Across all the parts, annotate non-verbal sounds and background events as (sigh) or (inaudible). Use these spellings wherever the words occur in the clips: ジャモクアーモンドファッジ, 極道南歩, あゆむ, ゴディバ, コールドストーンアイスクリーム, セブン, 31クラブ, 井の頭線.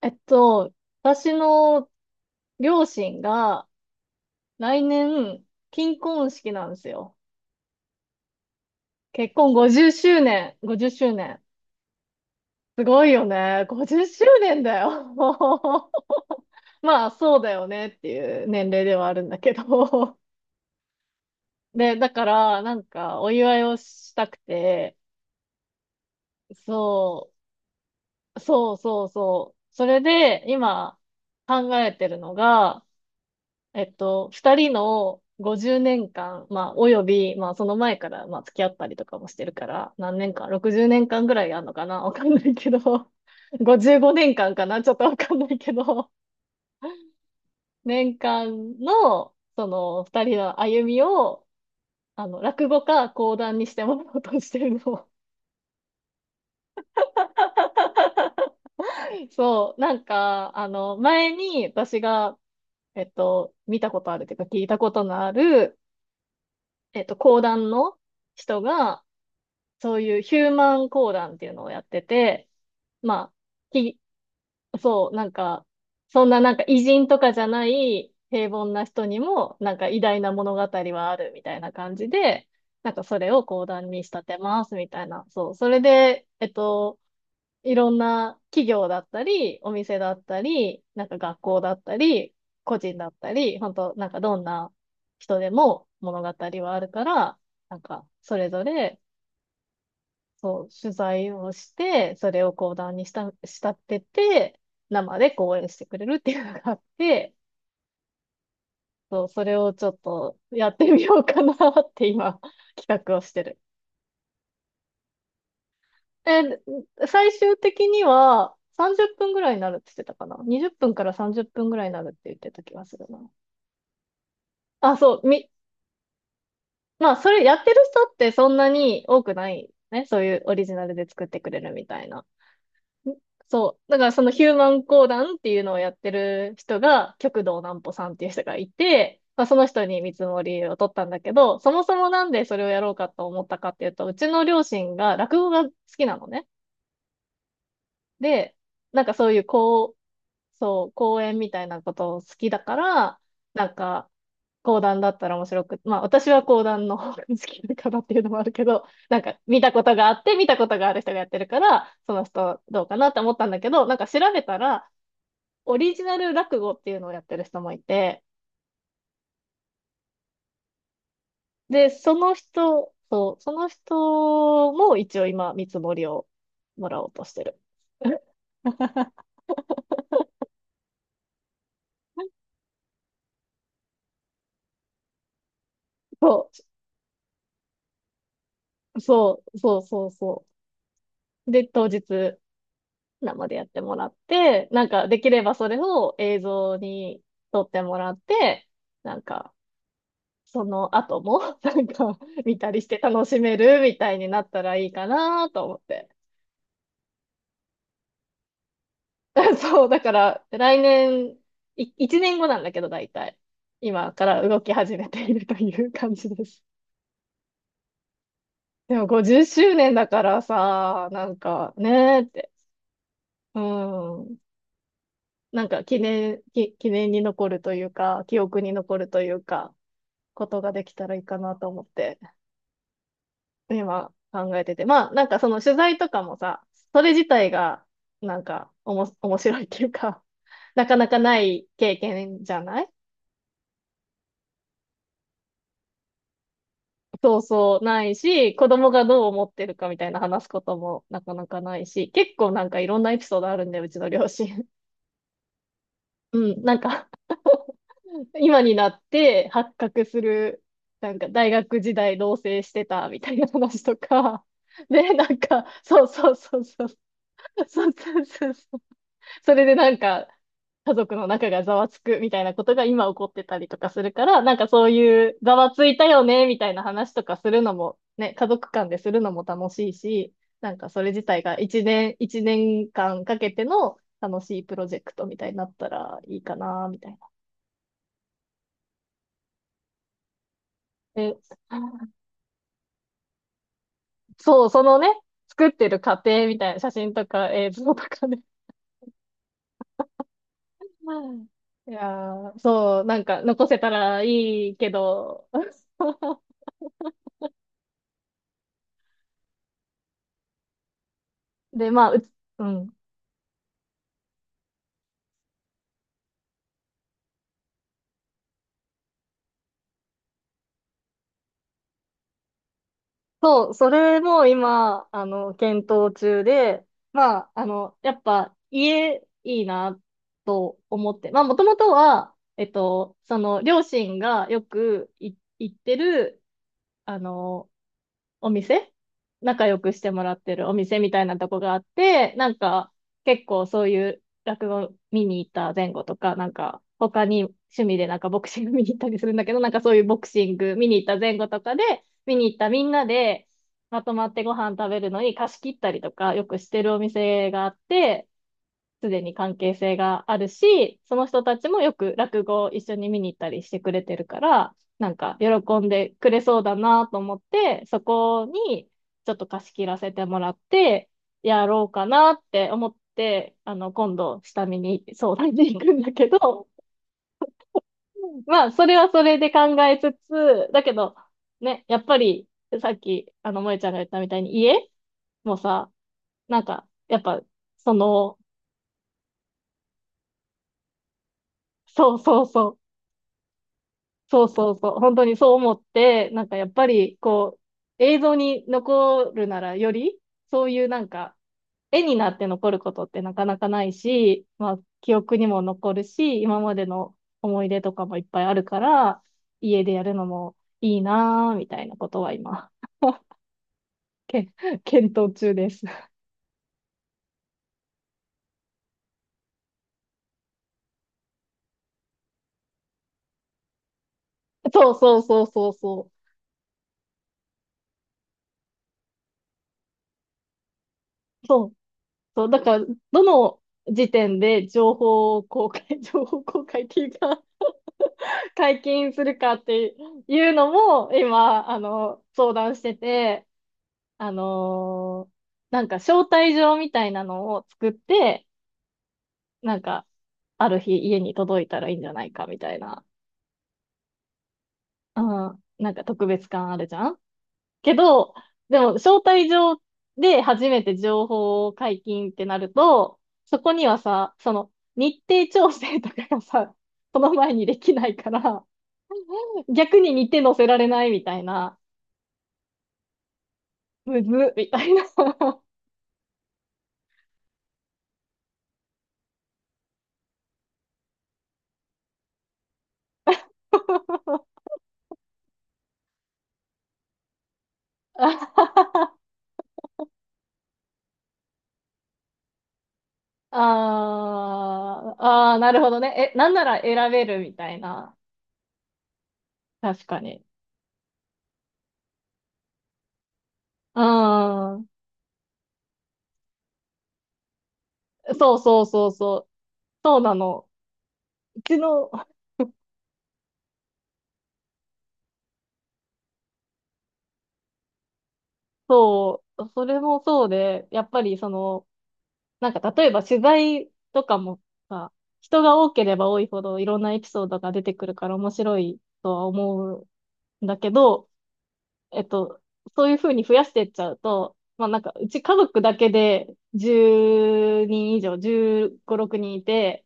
えっと、私の両親が来年、金婚式なんですよ。結婚50周年、50周年。すごいよね。50周年だよ。(laughs) まあ、そうだよねっていう年齢ではあるんだけど。で、だから、なんか、お祝いをしたくて、そう、そうそうそう。それで、今、考えてるのが、二人の50年間、まあ、および、まあ、その前から、まあ、付き合ったりとかもしてるから、何年間？ 60 年間ぐらいあるのかな (laughs) わかんないけど、(laughs) 55年間かんかなちょっとわかんないけど、年間の、その、二人の歩みを、あの、落語か講談にしてもらおうとしてるの。(laughs) そう、なんか、あの、前に私が、見たことあるというか聞いたことのある、講談の人が、そういうヒューマン講談っていうのをやってて、まあ、ひ、そう、なんか、そんななんか偉人とかじゃない平凡な人にも、なんか偉大な物語はあるみたいな感じで、なんかそれを講談に仕立てますみたいな。そう、それで、いろんな企業だったり、お店だったり、なんか学校だったり、個人だったり、本当なんかどんな人でも物語はあるから、なんか、それぞれそう、取材をして、それを講談にした、仕立てて、生で講演してくれるっていうのがあって、そう、それをちょっとやってみようかなって今、(laughs) 企画をしてる。え最終的には30分ぐらいになるって言ってたかな？ 20 分から30分ぐらいになるって言ってた気がするな。あ、そう、まあ、それやってる人ってそんなに多くないね。そういうオリジナルで作ってくれるみたいな。そう。だからそのヒューマン講談っていうのをやってる人が、極道南歩さんっていう人がいて、まあ、その人に見積もりを取ったんだけど、そもそもなんでそれをやろうかと思ったかっていうと、うちの両親が落語が好きなのね。で、なんかそういうこう、そう、講演みたいなことを好きだから、なんか、講談だったら面白く、まあ私は講談の方が好きだからっていうのもあるけど、なんか見たことがあって、見たことがある人がやってるから、その人どうかなって思ったんだけど、なんか調べたら、オリジナル落語っていうのをやってる人もいて、で、その人、そう、その人も一応今、見積もりをもらおうとしてる。(laughs) そう、そう、そう、そう、そう。で、当日、生でやってもらって、なんか、できればそれを映像に撮ってもらって、なんか、その後も、なんか、見たりして楽しめるみたいになったらいいかなと思って。(laughs) そう、だから、来年、1年後なんだけど、大体。今から動き始めているという感じです。でも50周年だからさ、なんかねーって、うん、なんか記念に残るというか、記憶に残るというか、ことができたらいいかなと思って、今考えてて。まあ、なんかその取材とかもさ、それ自体が、なんか、面白いっていうか、(laughs) なかなかない経験じゃない？そうそう、ないし、子供がどう思ってるかみたいな話すこともなかなかないし、結構なんかいろんなエピソードあるんだよ、うちの両親。(laughs) うん、なんか (laughs) 今になって発覚する、なんか大学時代同棲してたみたいな話とか、で、なんか、そうそうそうそう、そうそうそうそうそれでなんか、家族の中がざわつくみたいなことが今起こってたりとかするから、なんかそういうざわついたよねみたいな話とかするのも、ね、家族間でするのも楽しいし、なんかそれ自体が一年間かけての楽しいプロジェクトみたいになったらいいかな、みたいな。えそう、そのね、作ってる過程みたいな写真とか映像とかね。うんいやー、そう、なんか残せたらいいけど、で、まあ、うん。そう、それも今、あの、検討中で、まあ、あの、やっぱ家いいなと思って、まあ、もともとは、その、両親がよく行ってる、あの、お店仲良くしてもらってるお店みたいなとこがあって、なんか結構そういう落語見に行った前後とか、なんか他に趣味でなんかボクシング見に行ったりするんだけど、なんかそういうボクシング見に行った前後とかで、見に行ったみんなでまとまってご飯食べるのに貸し切ったりとかよくしてるお店があって、すでに関係性があるし、その人たちもよく落語を一緒に見に行ったりしてくれてるから、なんか喜んでくれそうだなと思って、そこにちょっと貸し切らせてもらって、やろうかなって思って、あの、今度下見に相談に行くんだけど、まあ、それはそれで考えつつ、だけど、ね、やっぱり、さっき、あの、萌えちゃんが言ったみたいに、家もさ、なんか、やっぱ、その、そうそうそうそうそうそう、本当にそう思って、なんかやっぱりこう、映像に残るならより、そういうなんか、絵になって残ることってなかなかないし、まあ、記憶にも残るし、今までの思い出とかもいっぱいあるから、家でやるのもいいなぁ、みたいなことは今、け、(laughs) 検討中です。そうそうそうそうそう。そう、そう、だから、どの時点で情報公開、(laughs) 情報公開っていうか解禁するかっていうのも、今、あの、相談してて、あのーなんか招待状みたいなのを作って、なんか、ある日家に届いたらいいんじゃないかみたいな、うん、なんか特別感あるじゃんけど、でも、招待状で初めて情報を解禁ってなると、そこにはさ、その、日程調整とかがさ、その前にできないから、逆に日程載せられないみたいな、むずっ、みたいな。(laughs) ああ、ああ、なるほどね。え、なんなら選べるみたいな。確かに。うん。そうそうそうそう。そうなの。うちの、そう、それもそうで、やっぱりその、なんか例えば取材とかもさ、人が多ければ多いほどいろんなエピソードが出てくるから面白いとは思うんだけど、えっと、そういうふうに増やしていっちゃうと、まあなんか、うち家族だけで10人以上、15、6人いて、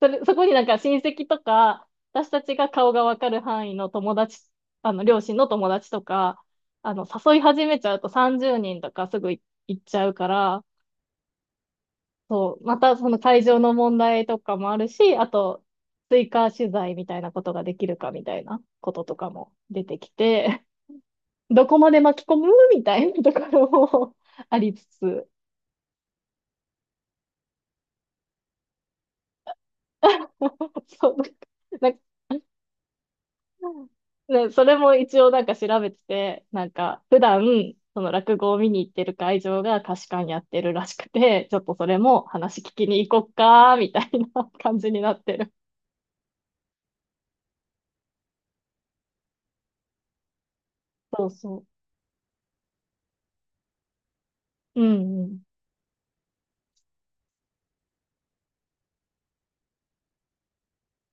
それ、そこになんか親戚とか、私たちが顔がわかる範囲の友達、あの、両親の友達とか、あの、誘い始めちゃうと30人とかすぐ行っちゃうから、そう、またその会場の問題とかもあるし、あと、追加取材みたいなことができるかみたいなこととかも出てきて、どこまで巻き込むみたいなところも (laughs) ありつつ。(laughs) そう、なんか、なんかねそれも一応なんか調べてて、なんか、普段、その落語を見に行ってる会場が貸し館やってるらしくて、ちょっとそれも話聞きに行こっか、みたいな感じになってる。そうそう。うんうん。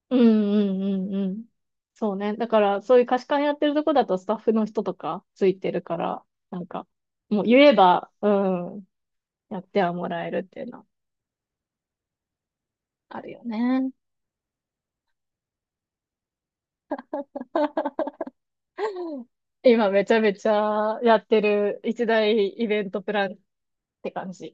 うんうんうんうん。そうね。だから、そういう貸し館やってるとこだとスタッフの人とかついてるから、なんか、もう言えば、うん、やってはもらえるっていうのあるよね。(laughs) 今めちゃめちゃやってる一大イベントプランって感じ。